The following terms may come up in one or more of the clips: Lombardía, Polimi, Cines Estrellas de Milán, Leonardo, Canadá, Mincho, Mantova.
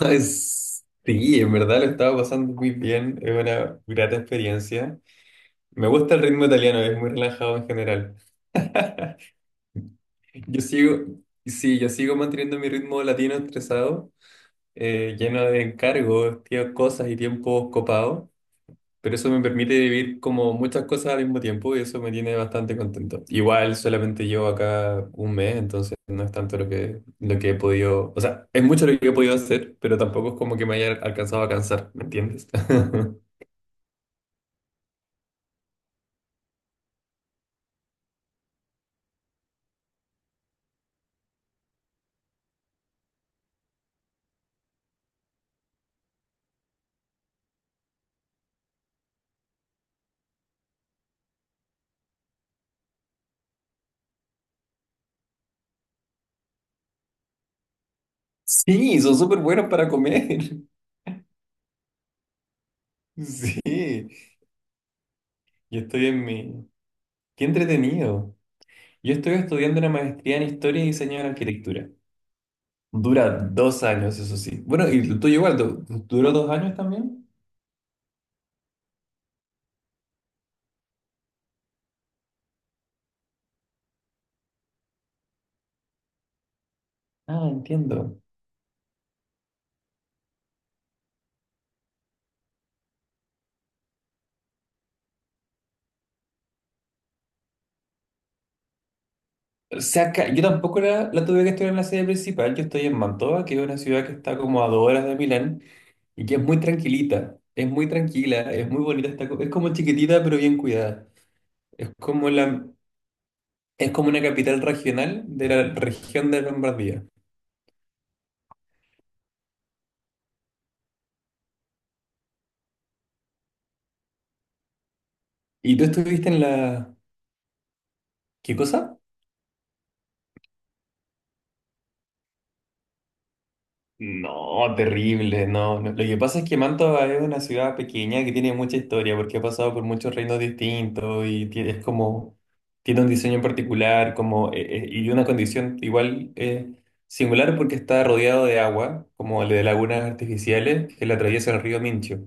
Es- Sí, en verdad lo estaba pasando muy bien, es una grata experiencia. Me gusta el ritmo italiano, es muy relajado en general. Yo sigo, sí, yo sigo manteniendo mi ritmo latino estresado, lleno de encargos, tío, cosas y tiempos copados, pero eso me permite vivir como muchas cosas al mismo tiempo y eso me tiene bastante contento. Igual solamente llevo acá un mes, entonces no es tanto lo que he podido, o sea, es mucho lo que he podido hacer, pero tampoco es como que me haya alcanzado a cansar, ¿me entiendes? Sí, son súper buenos para comer. Sí, yo estoy en mi... Qué entretenido. Yo estoy estudiando una maestría en Historia y Diseño de la Arquitectura. Dura 2 años, eso sí. Bueno, y tú igual, ¿duró 2 años también? Ah, entiendo. O sea, yo tampoco la tuve que estudiar en la sede principal. Yo estoy en Mantova, que es una ciudad que está como a 2 horas de Milán y que es muy tranquilita. Es muy tranquila, es muy bonita. Está, es como chiquitita, pero bien cuidada. Es como la... Es como una capital regional de la región de Lombardía. ¿Y tú estuviste en la... ¿Qué cosa? No, terrible, no, no. Lo que pasa es que Mantova es una ciudad pequeña que tiene mucha historia porque ha pasado por muchos reinos distintos y es como, tiene un diseño en particular, y una condición igual, singular porque está rodeado de agua, como de lagunas artificiales que la atraviesa el río Mincho.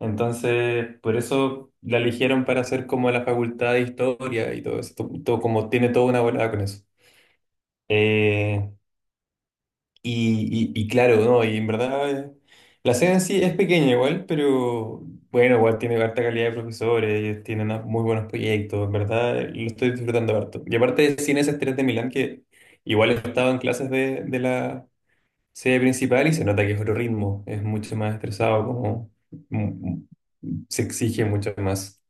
Entonces, por eso la eligieron para hacer como la facultad de historia y todo eso, todo como tiene toda una volada con eso. Eh, y claro, ¿no? Y en verdad, la sede en sí es pequeña igual, pero bueno, igual tiene harta calidad de profesores, ellos tienen unos muy buenos proyectos, en verdad, lo estoy disfrutando harto. Y aparte de Cines Estrellas de Milán, que igual he estado en clases de la sede principal y se nota que es otro ritmo, es mucho más estresado, mm, mm, se exige mucho más.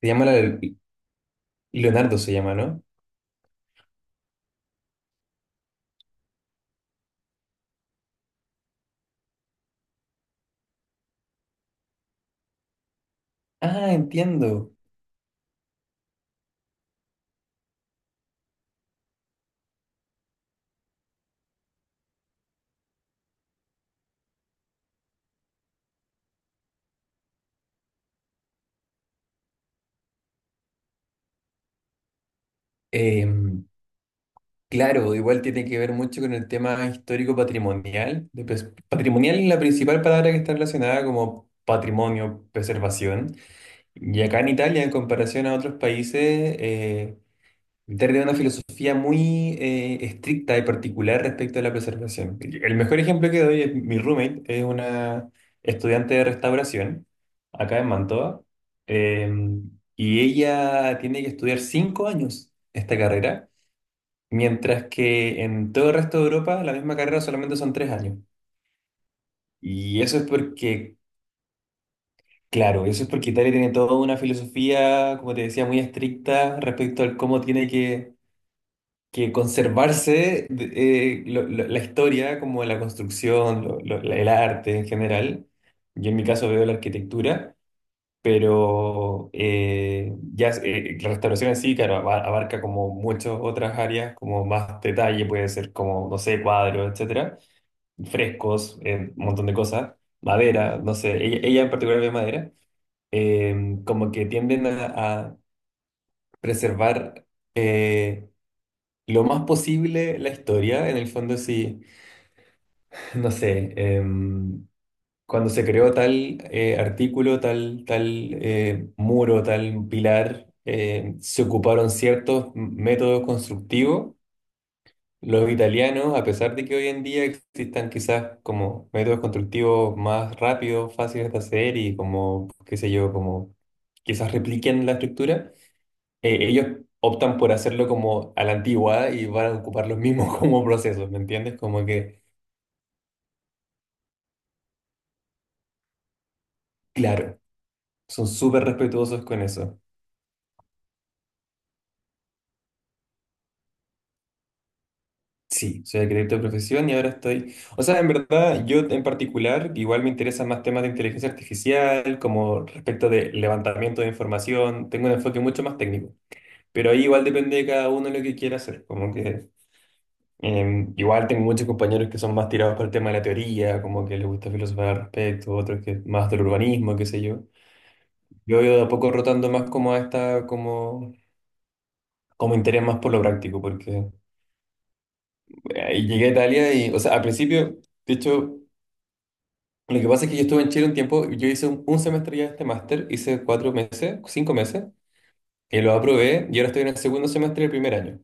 Se llama la- Leonardo, se llama, ¿no? Ah, entiendo. Em, Claro, igual tiene que ver mucho con el tema histórico-patrimonial. Patrimonial es la principal palabra que está relacionada como patrimonio, preservación. Y acá en Italia, en comparación a otros países, eh, Italia tiene una filosofía muy, estricta y particular respecto a la preservación. El mejor ejemplo que doy es mi roommate, es una estudiante de restauración acá en Mantova, em, y ella tiene que estudiar 5 años esta carrera. Mientras que en todo el resto de Europa la misma carrera solamente son 3 años. Y eso es porque, claro, eso es porque Italia tiene toda una filosofía, como te decía, muy estricta respecto al cómo tiene que conservarse, la historia, como la construcción, el arte en general. Yo en mi caso veo la arquitectura, pero, la restauración en sí, claro, abarca como muchas otras áreas, como más detalle, puede ser como, no sé, cuadros, etcétera, frescos, un montón de cosas, madera, no sé, ella en particular ve madera, como que tienden a preservar, eh, lo más posible la historia, en el fondo sí, no sé, cuando se creó tal, artículo, tal, muro, tal pilar, se ocuparon ciertos métodos constructivos. Los italianos, a pesar de que hoy en día existan quizás como métodos constructivos más rápidos, fáciles de hacer y como, qué sé yo, como quizás repliquen la estructura, ellos optan por hacerlo como a la antigua y van a ocupar los mismos como procesos, ¿me entiendes? Como que, claro, son súper respetuosos con eso. Sí, soy acredito de profesión y ahora estoy, o sea, en verdad, yo en particular, igual me interesan más temas de inteligencia artificial, como respecto de levantamiento de información, tengo un enfoque mucho más técnico, pero ahí igual depende de cada uno lo que quiera hacer, como que, igual tengo muchos compañeros que son más tirados por el tema de la teoría, como que les gusta filosofar al respecto, otros que más del urbanismo, qué sé yo. Yo voy de a poco rotando más como a esta, como interés más por lo práctico, porque, llegué a Italia y, o sea, al principio... De hecho, lo que pasa es que yo estuve en Chile un tiempo, yo hice un semestre ya de este máster, hice 4 meses, 5 meses, y lo aprobé, y ahora estoy en el segundo semestre del primer año.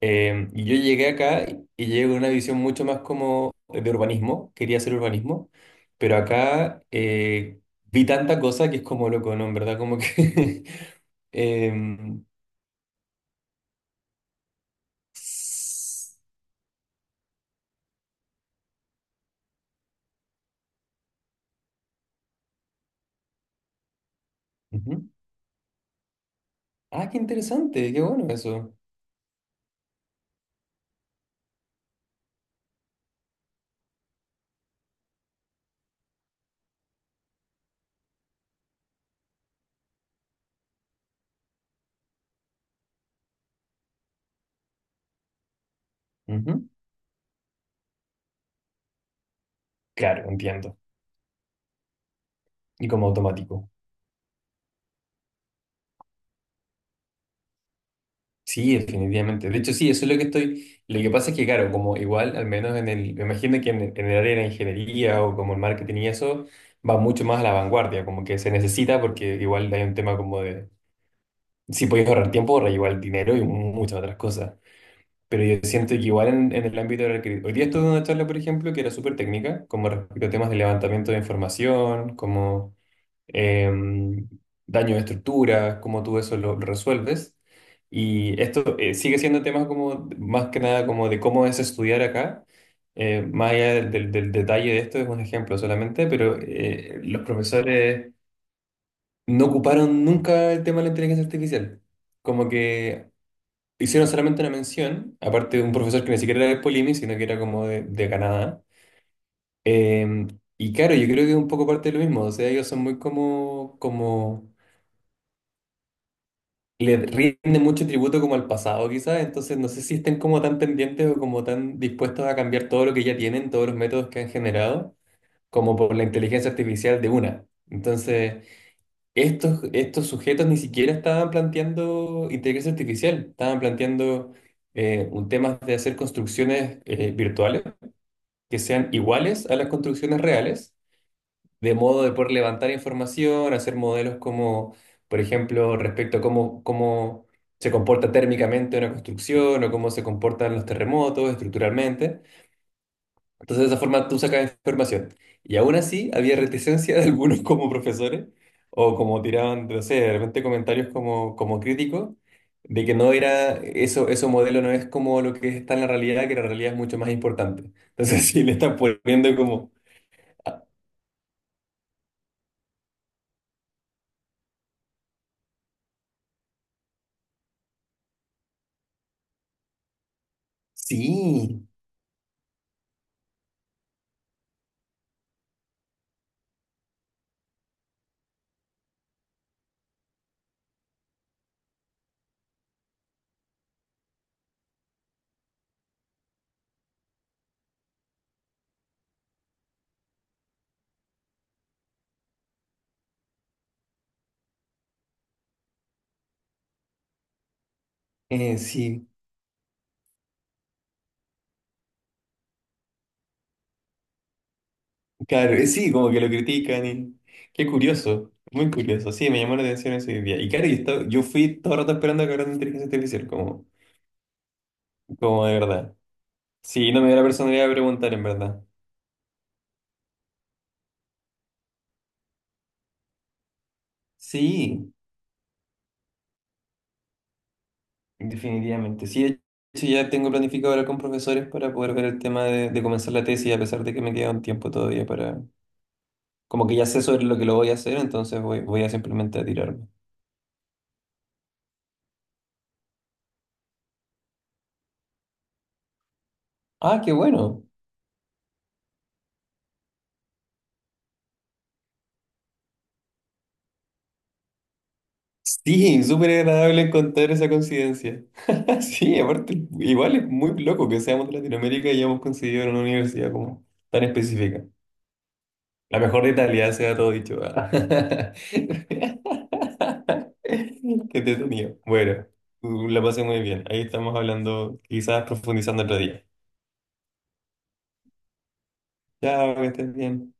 Y yo llegué acá y llegué con una visión mucho más como de urbanismo, quería hacer urbanismo, pero acá, vi tanta cosa que es como loco, ¿no? En verdad, como que... em, s- ujú. Ah, qué interesante, qué bueno eso. Ujú. Claro, entiendo. Y como automático. Sí, definitivamente. De hecho, sí, eso es lo que estoy. Lo que pasa es que, claro, como igual, al menos me imagino que en el área de la ingeniería o como el marketing y eso, va mucho más a la vanguardia, como que se necesita porque igual hay un tema como de, si podéis ahorrar tiempo, ahorrar igual dinero y muchas otras cosas. Pero yo siento que igual en el ámbito de la hoy día estuve en una charla, por ejemplo, que era súper técnica, como respecto a temas de levantamiento de información, como, em, daño de estructura, cómo tú eso lo resuelves. Y esto, sigue siendo temas como, más que nada, como de cómo es estudiar acá. Más allá del detalle de esto, es un ejemplo solamente, pero, los profesores no ocuparon nunca el tema de la inteligencia artificial. Como que hicieron solamente una mención, aparte de un profesor que ni siquiera era de Polimi, sino que era como de Canadá. Em, y claro, yo creo que es un poco parte de lo mismo, o sea, ellos son muy como, como le rinde mucho tributo como al pasado, quizás, entonces no sé si estén como tan pendientes o como tan dispuestos a cambiar todo lo que ya tienen, todos los métodos que han generado, como por la inteligencia artificial de una. Entonces, estos sujetos ni siquiera estaban planteando inteligencia artificial, estaban planteando, un tema de hacer construcciones, virtuales que sean iguales a las construcciones reales de modo de poder levantar información, hacer modelos como, por ejemplo, respecto a cómo se comporta térmicamente una construcción o cómo se comportan los terremotos estructuralmente. Entonces, de esa forma tú sacas información. Y aún así, había reticencia de algunos como profesores o como tiraban, no sé, de repente comentarios como, como críticos de que no era, eso modelo no es como lo que está en la realidad, que la realidad es mucho más importante. Entonces, sí, le están poniendo como, ah, sí, sí, claro, sí, como que lo critican y... Qué curioso, muy curioso. Sí, me llamó la atención ese día. Y claro, yo fui todo el rato esperando que hablaran de inteligencia artificial, como, como de verdad. Sí, no me dio la personalidad de preguntar, en verdad. Sí, definitivamente. Sí, de hecho ya tengo planificado hablar con profesores para poder ver el tema de comenzar la tesis, a pesar de que me queda un tiempo todavía para... Como que ya sé sobre lo que lo voy a hacer, entonces voy a simplemente a tirarme. Ah, qué bueno. Sí, súper agradable encontrar esa coincidencia. Sí, aparte, igual es muy loco que seamos de Latinoamérica y hayamos coincidido en una universidad como tan específica. La mejor de Italia, sea todo dicho. Ah. Qué entretenido. Bueno, la pasé muy bien. Ahí estamos hablando, quizás profundizando otro día. Chao, que estés bien.